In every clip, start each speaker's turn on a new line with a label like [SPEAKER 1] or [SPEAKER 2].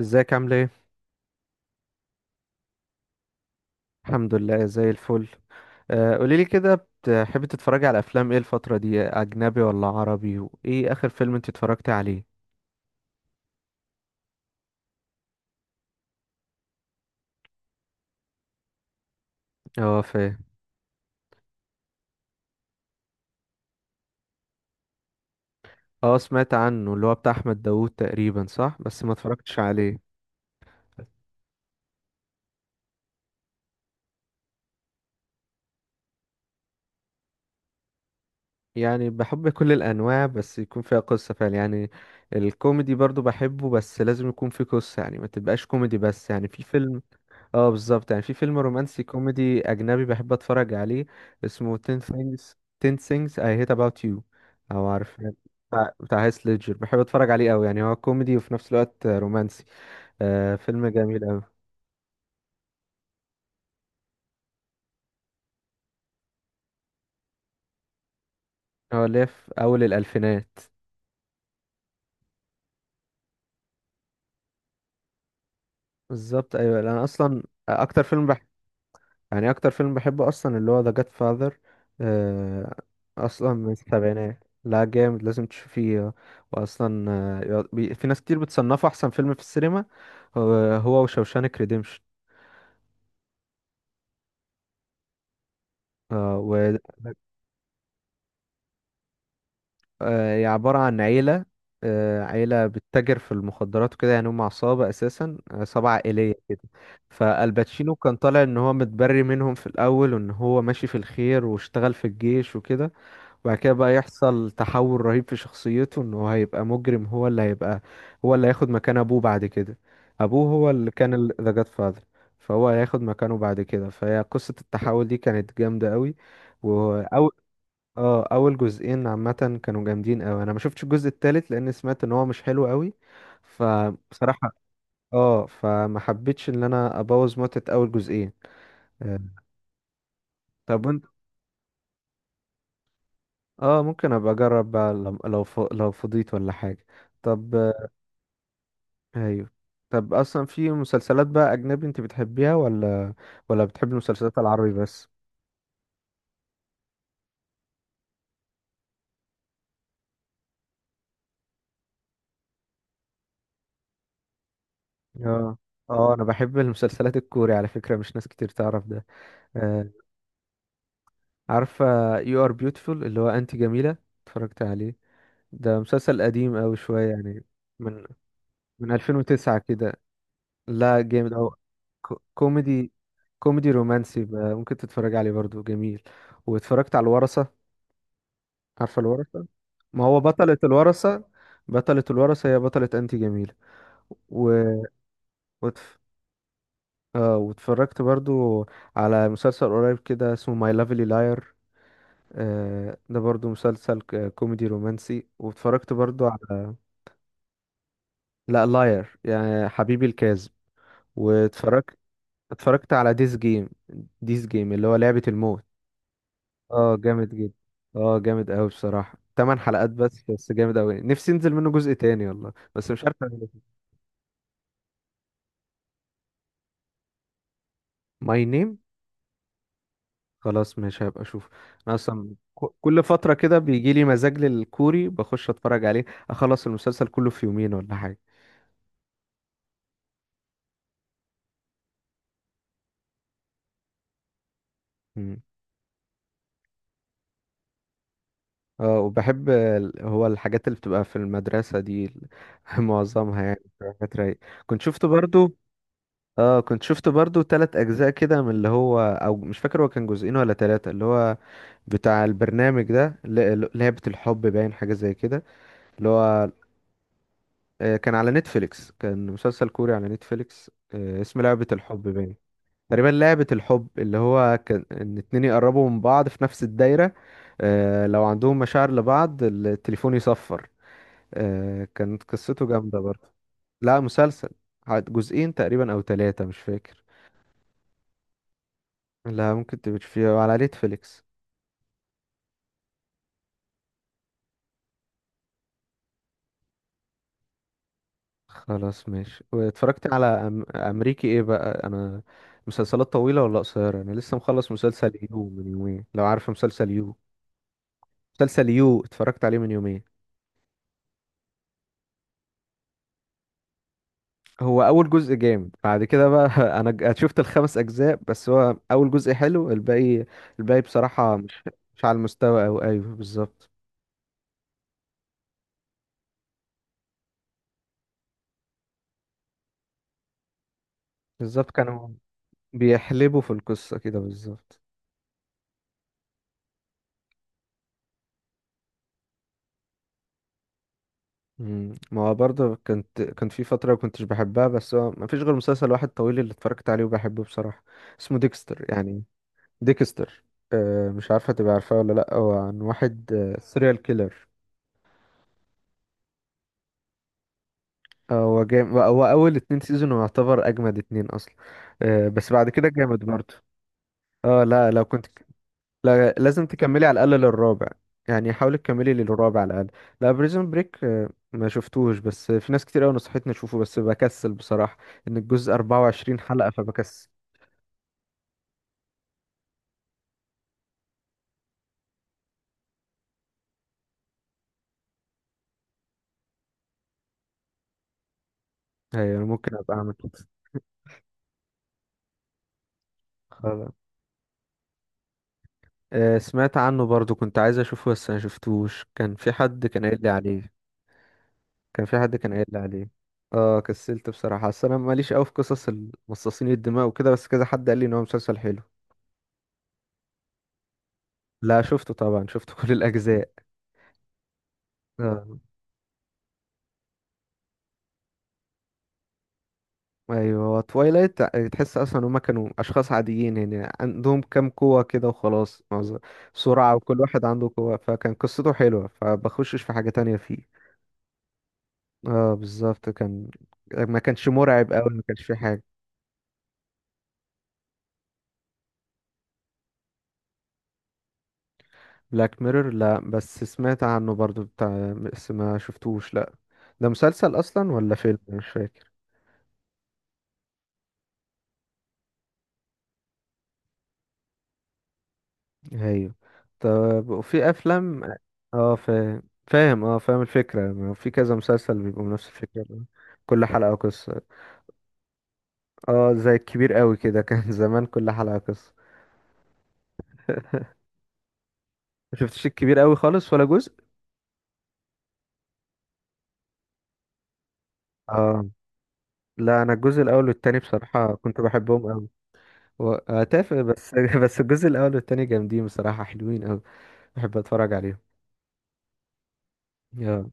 [SPEAKER 1] ازيك، عامل ايه؟ الحمد لله زي الفل. قوليلي كده، بتحبي تتفرجي على افلام ايه الفتره دي؟ اجنبي ولا عربي؟ وايه اخر فيلم انت اتفرجتي عليه؟ اه فاهم. اه سمعت عنه، اللي هو بتاع احمد داوود تقريبا، صح؟ بس ما اتفرجتش عليه. يعني بحب كل الانواع، بس يكون فيها قصه فعلا يعني. الكوميدي برضو بحبه، بس لازم يكون فيه قصه، يعني ما تبقاش كوميدي بس، يعني في فيلم. اه بالظبط، يعني في فيلم رومانسي كوميدي اجنبي بحب اتفرج عليه، اسمه 10 things. 10 things I hate about you. او عارف بتاع هيث ليدجر، بحب اتفرج عليه قوي، يعني هو كوميدي وفي نفس الوقت رومانسي. آه فيلم جميل قوي. هو اللي في اول الالفينات. بالظبط ايوه، انا اصلا اكتر فيلم بحبه، يعني اكتر فيلم بحبه اصلا اللي هو ذا جاد فاذر. اصلا من السبعينات، لا جامد، لازم تشوفيه. واصلا في ناس كتير بتصنفه احسن فيلم في السينما. هو وشوشانك ريديمشن. وهي عبارة عن عيلة. عيلة بتتاجر في المخدرات وكده، يعني هم عصابة، أساسا عصابة عائلية كده. فالباتشينو كان طالع إن هو متبري منهم في الأول، وإن هو ماشي في الخير واشتغل في الجيش وكده. وبعد كده بقى يحصل تحول رهيب في شخصيته، ان هو هيبقى مجرم، هو اللي هيبقى، هو اللي هياخد مكان ابوه بعد كده. ابوه هو اللي كان ذا جاد فاذر. فهو هياخد مكانه بعد كده، فهي قصة التحول دي كانت جامدة قوي. واول اه اول جزئين عامة كانوا جامدين قوي، انا ما شفتش الجزء التالت لان سمعت ان هو مش حلو قوي، فبصراحة اه فما حبيتش ان انا ابوظ متعة اول جزئين. آه، طب انت، اه ممكن ابقى اجرب بقى لو فضيت ولا حاجة. طب ايوه. طب اصلا في مسلسلات بقى اجنبي انت بتحبيها، ولا ولا بتحبي المسلسلات العربي بس؟ اه اه انا بحب المسلسلات الكوري على فكرة، مش ناس كتير تعرف ده. آه. عارفة You Are Beautiful، اللي هو انت جميلة، اتفرجت عليه. ده مسلسل قديم اوي شوية يعني، من من 2009 كده. لا جامد اوي. كوميدي، كوميدي رومانسي بقى، ممكن تتفرج عليه برضو، جميل. واتفرجت على الورثة، عارفة الورثة؟ ما هو بطلة الورثة، بطلة الورثة هي بطلة أنتي جميلة. و... وتف... آه واتفرجت برضو على مسلسل قريب كده اسمه ماي لافلي لاير. آه ده برضو مسلسل كوميدي رومانسي. واتفرجت برضو على، لا لاير يعني حبيبي الكاذب. واتفرجت، اتفرجت على ديس جيم، ديس جيم اللي هو لعبة الموت. اه جامد جدا. اه جامد قوي بصراحة، تمن حلقات بس جامد قوي، نفسي ينزل منه جزء تاني والله، بس مش عارف. ماي نيم، خلاص مش هبقى اشوف. انا اصلا كل فترة كده بيجي لي مزاج للكوري، بخش اتفرج عليه، اخلص المسلسل كله في يومين ولا حاجة. مم. اه وبحب هو الحاجات اللي بتبقى في المدرسة دي معظمها يعني بتبقى حاجات رايقة. كنت شفت برضو. اه كنت شفت برضو تلات اجزاء كده من اللي هو، او مش فاكر هو كان جزئين ولا تلاتة، اللي هو بتاع البرنامج ده لعبة الحب باين، حاجة زي كده، اللي هو كان على نتفليكس، كان مسلسل كوري على نتفليكس. اسمه لعبة الحب باين تقريبا، لعبة الحب اللي هو كان ان اتنين يقربوا من بعض في نفس الدايرة. لو عندهم مشاعر لبعض التليفون يصفر. كانت قصته جامدة برضه. لا مسلسل، عاد جزئين تقريبا او ثلاثة مش فاكر. لا ممكن تبقى فيه على نتفليكس. خلاص ماشي. واتفرجت على امريكي، ايه بقى انا، مسلسلات طويلة ولا قصيرة؟ انا لسه مخلص مسلسل يو من يومين، لو عارف مسلسل يو. مسلسل يو اتفرجت عليه من يومين. هو اول جزء جامد، بعد كده بقى انا شفت الخمس اجزاء، بس هو اول جزء حلو، الباقي الباقي بصراحة مش، مش على المستوى، او ايوه بالظبط. بالظبط كانوا بيحلبوا في القصة كده بالظبط. مم. ما هو برضه كنت، كان في فترة ما كنتش بحبها، بس هو ما فيش غير مسلسل واحد طويل اللي اتفرجت عليه وبحبه بصراحة، اسمه ديكستر يعني. ديكستر. أه مش عارفة تبقى عارفاه ولا لأ، هو عن واحد سيريال كيلر. هو جامد، هو اول اتنين سيزون يعتبر اجمد اتنين اصلا. بس بعد كده جامد برضه. اه لا لو كنت، لا لازم تكملي على الاقل للرابع. يعني حاولي تكملي للرابع على الاقل. لا بريزون بريك ما شفتوش، بس في ناس كتير قوي نصحتني اشوفه بس بكسل بصراحة، ان الجزء 24 حلقة، فبكسل. ايوه أنا ممكن ابقى اعمل كده. خلاص. سمعت عنه برضه كنت عايز اشوفه، بس ما شفتوش. كان في حد كان قايل لي عليه. كان في حد كان قايل لي عليه. اه كسلت بصراحة، اصل انا ماليش قوي في قصص المصاصين الدماء وكده، بس كذا حد قال لي ان هو مسلسل حلو. لا شفته طبعا، شفت كل الاجزاء. آه. ايوه توايلايت، تحس اصلا هما كانوا اشخاص عاديين، يعني عندهم كام قوة كده وخلاص، معظم سرعة، وكل واحد عنده قوة، فكان قصته حلوة فبخشش في حاجة تانية فيه. اه بالظبط كان، ما كانش مرعب قوي، ما كانش فيه حاجة. بلاك ميرور لا، بس سمعت عنه برضو بتاع، بس ما شفتوش لا. ده مسلسل اصلا ولا فيلم مش فاكر؟ ايوه. طب وفي افلام؟ اه فاهم. فاهم اه فاهم الفكره، ما في كذا مسلسل بيبقوا نفس الفكره ده. كل حلقه قصه. اه زي الكبير قوي كده كان زمان كل حلقه قصه. ما شفتش الكبير قوي خالص ولا جزء. اه لا انا الجزء الاول والتاني بصراحه كنت بحبهم قوي. تافه بس بس الجزء الاول والتاني جامدين بصراحه، حلوين قوي. بحب اتفرج عليهم.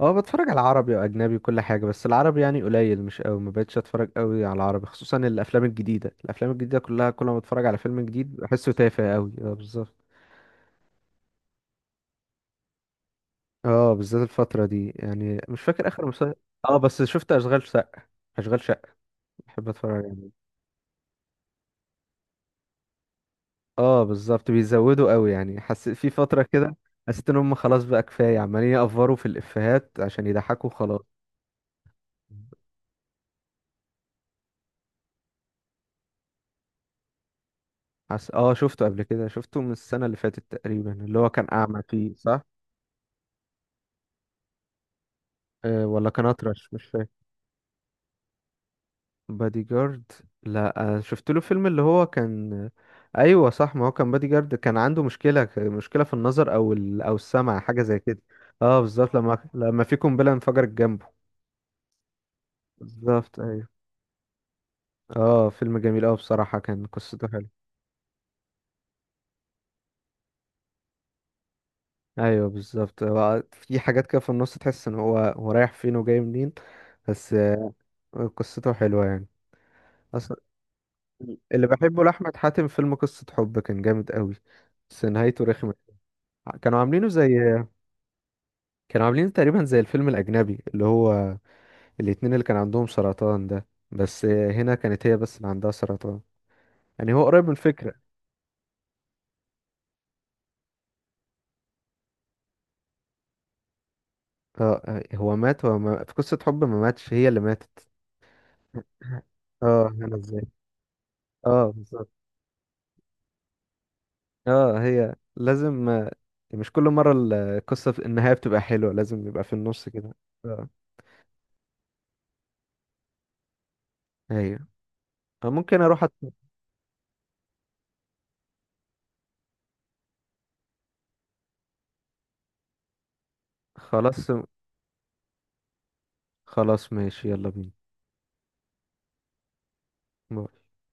[SPEAKER 1] اه بتفرج على عربي واجنبي وكل حاجه، بس العربي يعني قليل مش قوي، ما بقتش اتفرج قوي على العربي، خصوصا الافلام الجديده. الافلام الجديده كلها كل ما بتفرج على فيلم جديد بحسه تافه قوي، اه بالظبط. اه بالذات الفتره دي، يعني مش فاكر اخر مسلسل. اه بس شفت اشغال شقه، اشغال شقه بحب اتفرج عليه. اه بالظبط بيزودوا قوي، يعني حسيت في فتره كده، حسيت ان هم خلاص بقى كفايه، عمالين يأفوروا في الافيهات عشان يضحكوا خلاص. اه شفته قبل كده، شفته من السنه اللي فاتت تقريبا، اللي هو كان اعمى فيه صح؟ ولا كان اطرش مش فاكر. بادي جارد، لا أنا شفت له فيلم اللي هو كان. ايوه صح، ما هو كان بادي جارد، كان عنده مشكله مشكله في النظر او او السمع، حاجه زي كده. اه بالظبط، لما في قنبله انفجرت جنبه. بالظبط ايوه. اه فيلم جميل اوي بصراحه، كان قصته حلوه. ايوه بالظبط، هو في حاجات كده في النص تحس ان هو رايح فين وجاي منين، بس قصته حلوه يعني. اصلا اللي بحبه لاحمد حاتم فيلم قصه حب، كان جامد قوي، بس نهايته رخمه. كانوا عاملينه زي، كانوا عاملينه تقريبا زي الفيلم الأجنبي اللي هو الاتنين اللي كان عندهم سرطان ده، بس هنا كانت هي بس اللي عندها سرطان، يعني هو قريب من الفكرة. اه هو مات، هو ما... في قصة حب ما ماتش، هي اللي ماتت. اه هنا ازاي؟ اه بالظبط. اه هي لازم مش كل مرة القصة في النهاية بتبقى حلوة، لازم يبقى في النص كده. اه ايوه. ممكن اروح خلاص. خلاص ماشي يلا بينا.